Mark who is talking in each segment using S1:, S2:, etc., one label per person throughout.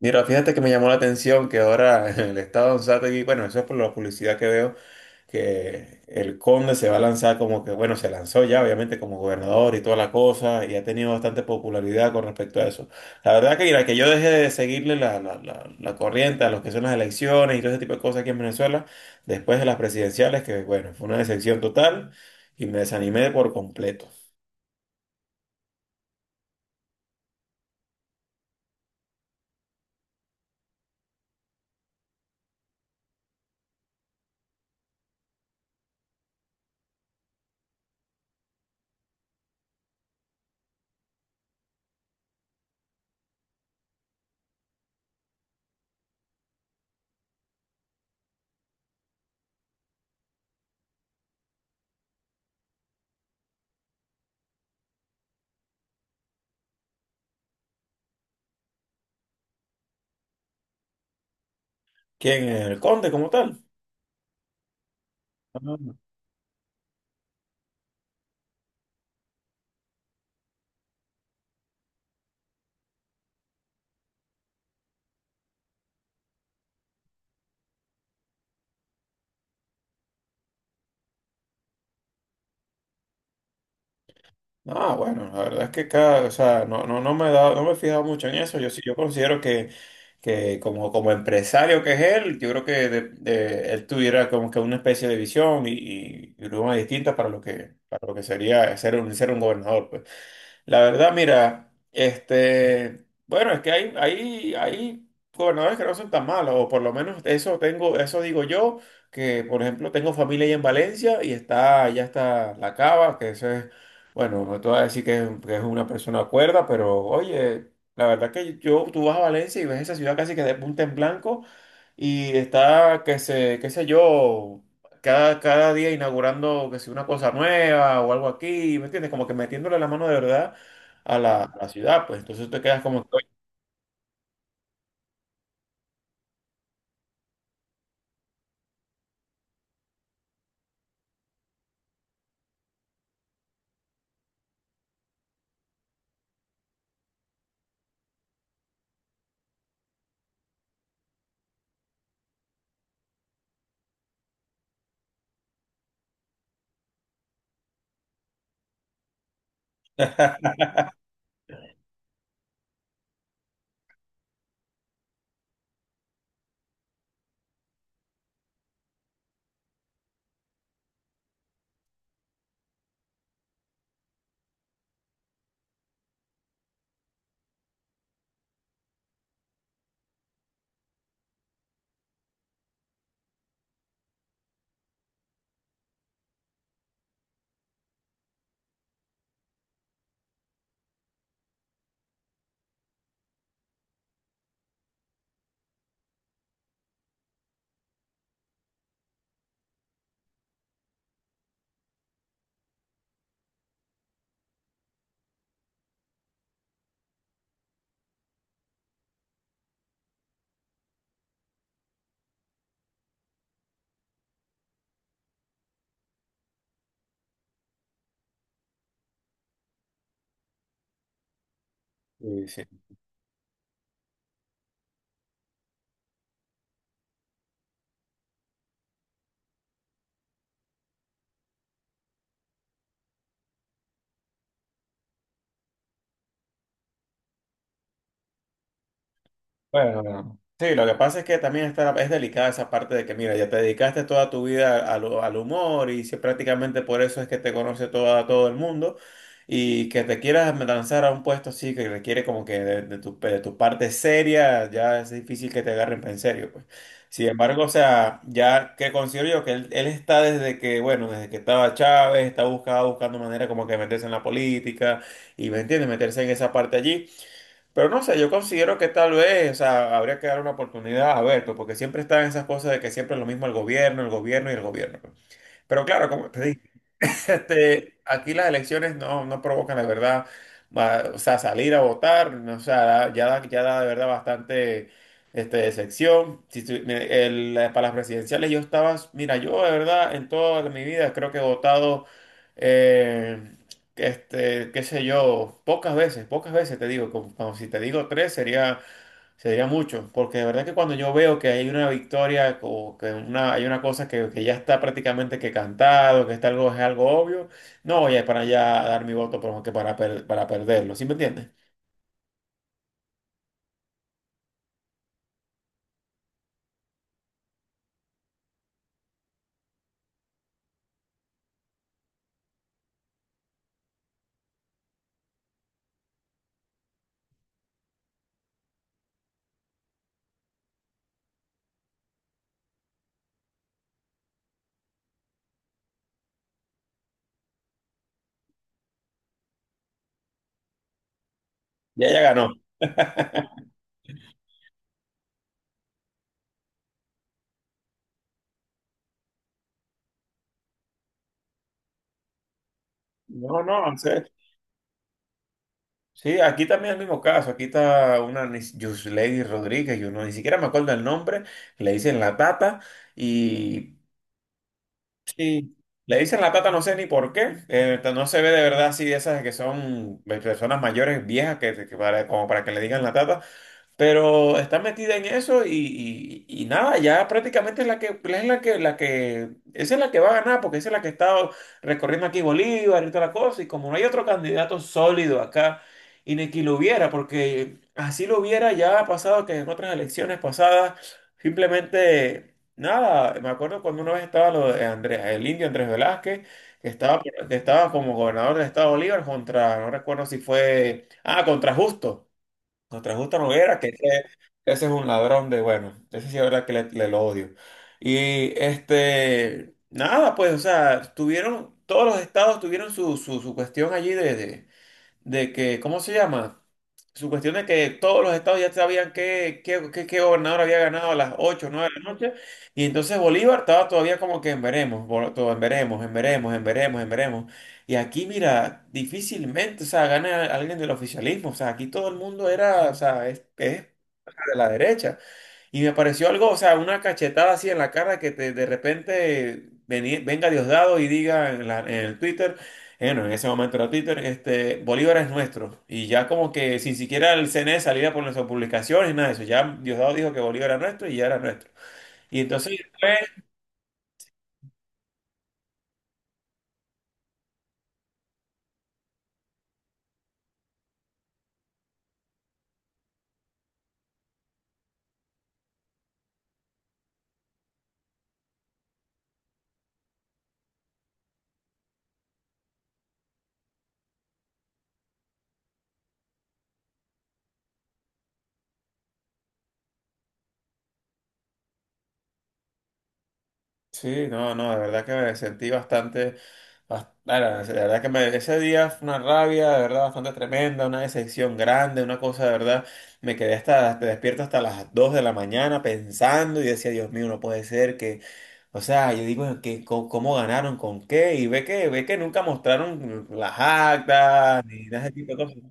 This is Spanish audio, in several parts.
S1: Mira, fíjate que me llamó la atención que ahora el estado de Anzoátegui, bueno, eso es por la publicidad que veo, que el Conde se va a lanzar como que, bueno, se lanzó ya, obviamente, como gobernador y toda la cosa, y ha tenido bastante popularidad con respecto a eso. La verdad que, mira, que yo dejé de seguirle la corriente a los que son las elecciones y todo ese tipo de cosas aquí en Venezuela, después de las presidenciales, que, bueno, fue una decepción total y me desanimé por completo. ¿Quién? ¿El Conde como tal? Ah, bueno, la verdad es que cada, o sea, no, no, no me he dado, no me he fijado mucho en eso. Yo sí, yo considero que, como empresario que es él, yo creo que él tuviera como que una especie de visión y una distinta para lo que sería ser un, gobernador, pues. La verdad, mira, bueno, es que hay gobernadores que no son tan malos, o por lo menos eso tengo, eso digo yo, que por ejemplo tengo familia ahí en Valencia y está, ya está La Cava, que eso es, bueno, no te voy a decir que es una persona cuerda, pero oye, la verdad que yo, tú vas a Valencia y ves esa ciudad casi que de punta en blanco y está, que se, qué sé yo. Cada día inaugurando que si una cosa nueva o algo aquí, ¿me entiendes? Como que metiéndole la mano de verdad a la, ciudad, pues entonces te quedas como que, oye, sí. Bueno, bueno, sí, lo que pasa es que también está, es delicada esa parte de que, mira, ya te dedicaste toda tu vida al humor y si prácticamente por eso es que te conoce toda, todo el mundo y que te quieras lanzar a un puesto así que requiere como que de tu parte seria, ya es difícil que te agarren en serio, pues. Sin embargo, o sea, ya que considero yo que él está desde que, bueno, desde que estaba Chávez, está buscando manera como que meterse en la política y, ¿me entiendes? Meterse en esa parte allí. Pero no sé, yo considero que tal vez, o sea, habría que dar una oportunidad a ver, pues, porque siempre están esas cosas de que siempre es lo mismo el gobierno y el gobierno, pues. Pero claro, aquí las elecciones no, no provocan, la verdad, o sea, salir a votar, no, o sea, ya da de verdad bastante decepción. Si para las presidenciales yo estaba, mira, yo de verdad en toda mi vida creo que he votado, eh, qué sé yo, pocas veces te digo, como si te digo tres sería mucho, porque de verdad que cuando yo veo que hay una victoria o que hay una cosa que ya está prácticamente que cantado, que está algo, es algo obvio, no voy a para allá a dar mi voto pero que para perderlo, ¿sí me entiendes? Ya ganó. No, no, en serio. Sí, aquí también es el mismo caso, aquí está una Yuslady Rodríguez, yo no, ni siquiera me acuerdo el nombre, le dicen la tata y, sí, le dicen la tata, no sé ni por qué. No se ve de verdad así de esas que son personas mayores, viejas, como para que le digan la tata. Pero está metida en eso y nada, ya prácticamente es la que, esa es la que va a ganar, porque esa es la que está recorriendo aquí Bolívar y toda la cosa. Y como no hay otro candidato sólido acá, y ni que lo hubiera, porque así lo hubiera ya ha pasado que en otras elecciones pasadas, simplemente nada, me acuerdo cuando una vez estaba lo de Andrés, el indio Andrés Velázquez, que estaba como gobernador del estado de Bolívar contra, no recuerdo si fue, ah, contra Justo. Nos trajo esta hoguera, ese es un ladrón de, bueno, ese sí es verdad que le lo odio. Y nada, pues, o sea, todos los estados tuvieron su cuestión allí de que, ¿cómo se llama? Su cuestión de que todos los estados ya sabían qué gobernador había ganado a las 8 o 9 de la noche, y entonces Bolívar estaba todavía como que en veremos, todo en veremos, en veremos, en veremos, en veremos. Y aquí, mira, difícilmente, o sea, gana alguien del oficialismo, o sea, aquí todo el mundo era, o sea, es de la derecha. Y me pareció algo, o sea, una cachetada así en la cara de repente venga Diosdado y diga en el Twitter, bueno, en ese momento era Twitter, Bolívar es nuestro. Y ya como que sin siquiera el CNE saliera por nuestras publicaciones, nada de eso. Ya Diosdado dijo que Bolívar era nuestro y ya era nuestro. Y entonces, sí, no, no, de verdad que me sentí bastante, bueno, de verdad que ese día fue una rabia, de verdad, bastante tremenda, una decepción grande, una cosa de verdad, me quedé hasta, te despierto hasta las 2 de la mañana pensando y decía, Dios mío, no puede ser que, o sea, yo digo, ¿cómo ganaron? ¿Con qué? Y ve que, nunca mostraron las actas ni nada de ese tipo de cosas.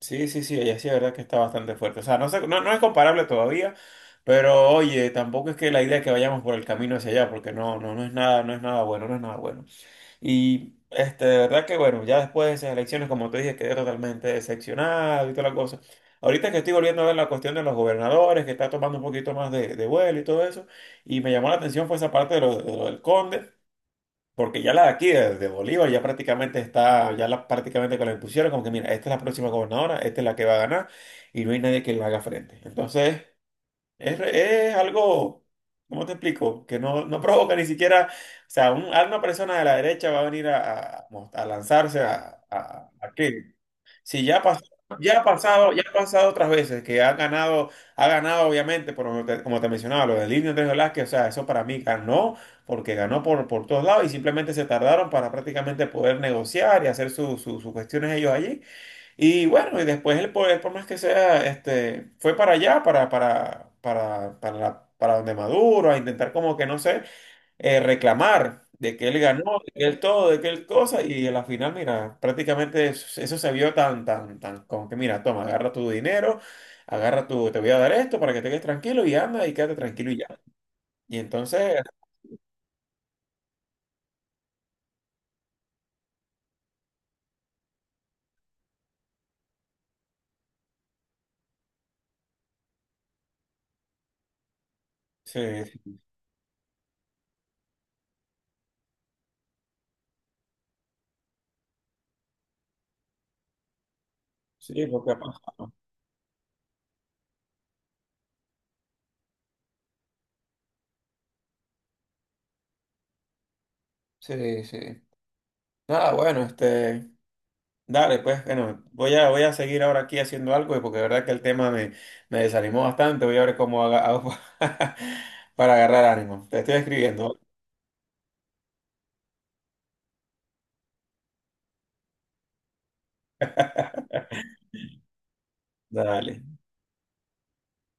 S1: Sí, sí, sí, ella sí, la verdad que está bastante fuerte. O sea, no, no, no es comparable todavía, pero oye, tampoco es que la idea es que vayamos por el camino hacia allá, porque no, no, no es nada, no es nada bueno, no es nada bueno. Y de verdad que bueno, ya después de esas elecciones, como te dije, quedé totalmente decepcionado y toda la cosa. Ahorita que estoy volviendo a ver la cuestión de los gobernadores, que está tomando un poquito más de vuelo y todo eso, y me llamó la atención fue esa parte de lo del Conde. Porque ya la de aquí, de Bolívar, ya prácticamente está, prácticamente que la impusieron, como que mira, esta es la próxima gobernadora, esta es la que va a ganar, y no hay nadie que le haga frente. Entonces, es algo, ¿cómo te explico? Que no, no provoca ni siquiera, o sea, alguna persona de la derecha va a venir a lanzarse a qué. Sí, ya ha pasado, otras veces que ha ganado obviamente, por como te mencionaba, lo del Indio Andrés Velázquez, o sea, eso para mí ganó, porque ganó por todos lados y simplemente se tardaron para prácticamente poder negociar y hacer sus cuestiones ellos allí. Y bueno, y después el poder, por más que sea, fue para allá, para donde Maduro, a intentar como que no sé reclamar de que él ganó, de que él todo, de que él cosa, y en la final, mira, prácticamente eso se vio tan, tan, tan, como que mira, toma, agarra tu dinero, te voy a dar esto para que te quedes tranquilo y anda y quédate tranquilo y ya. Y entonces, sí, sí, lo que ha pasado. Sí, sí. Nada, bueno, dale, pues, bueno, voy a seguir ahora aquí haciendo algo, porque de verdad que el tema me desanimó bastante, voy a ver cómo hago para agarrar ánimo. Te estoy escribiendo, ¿vale? Dale.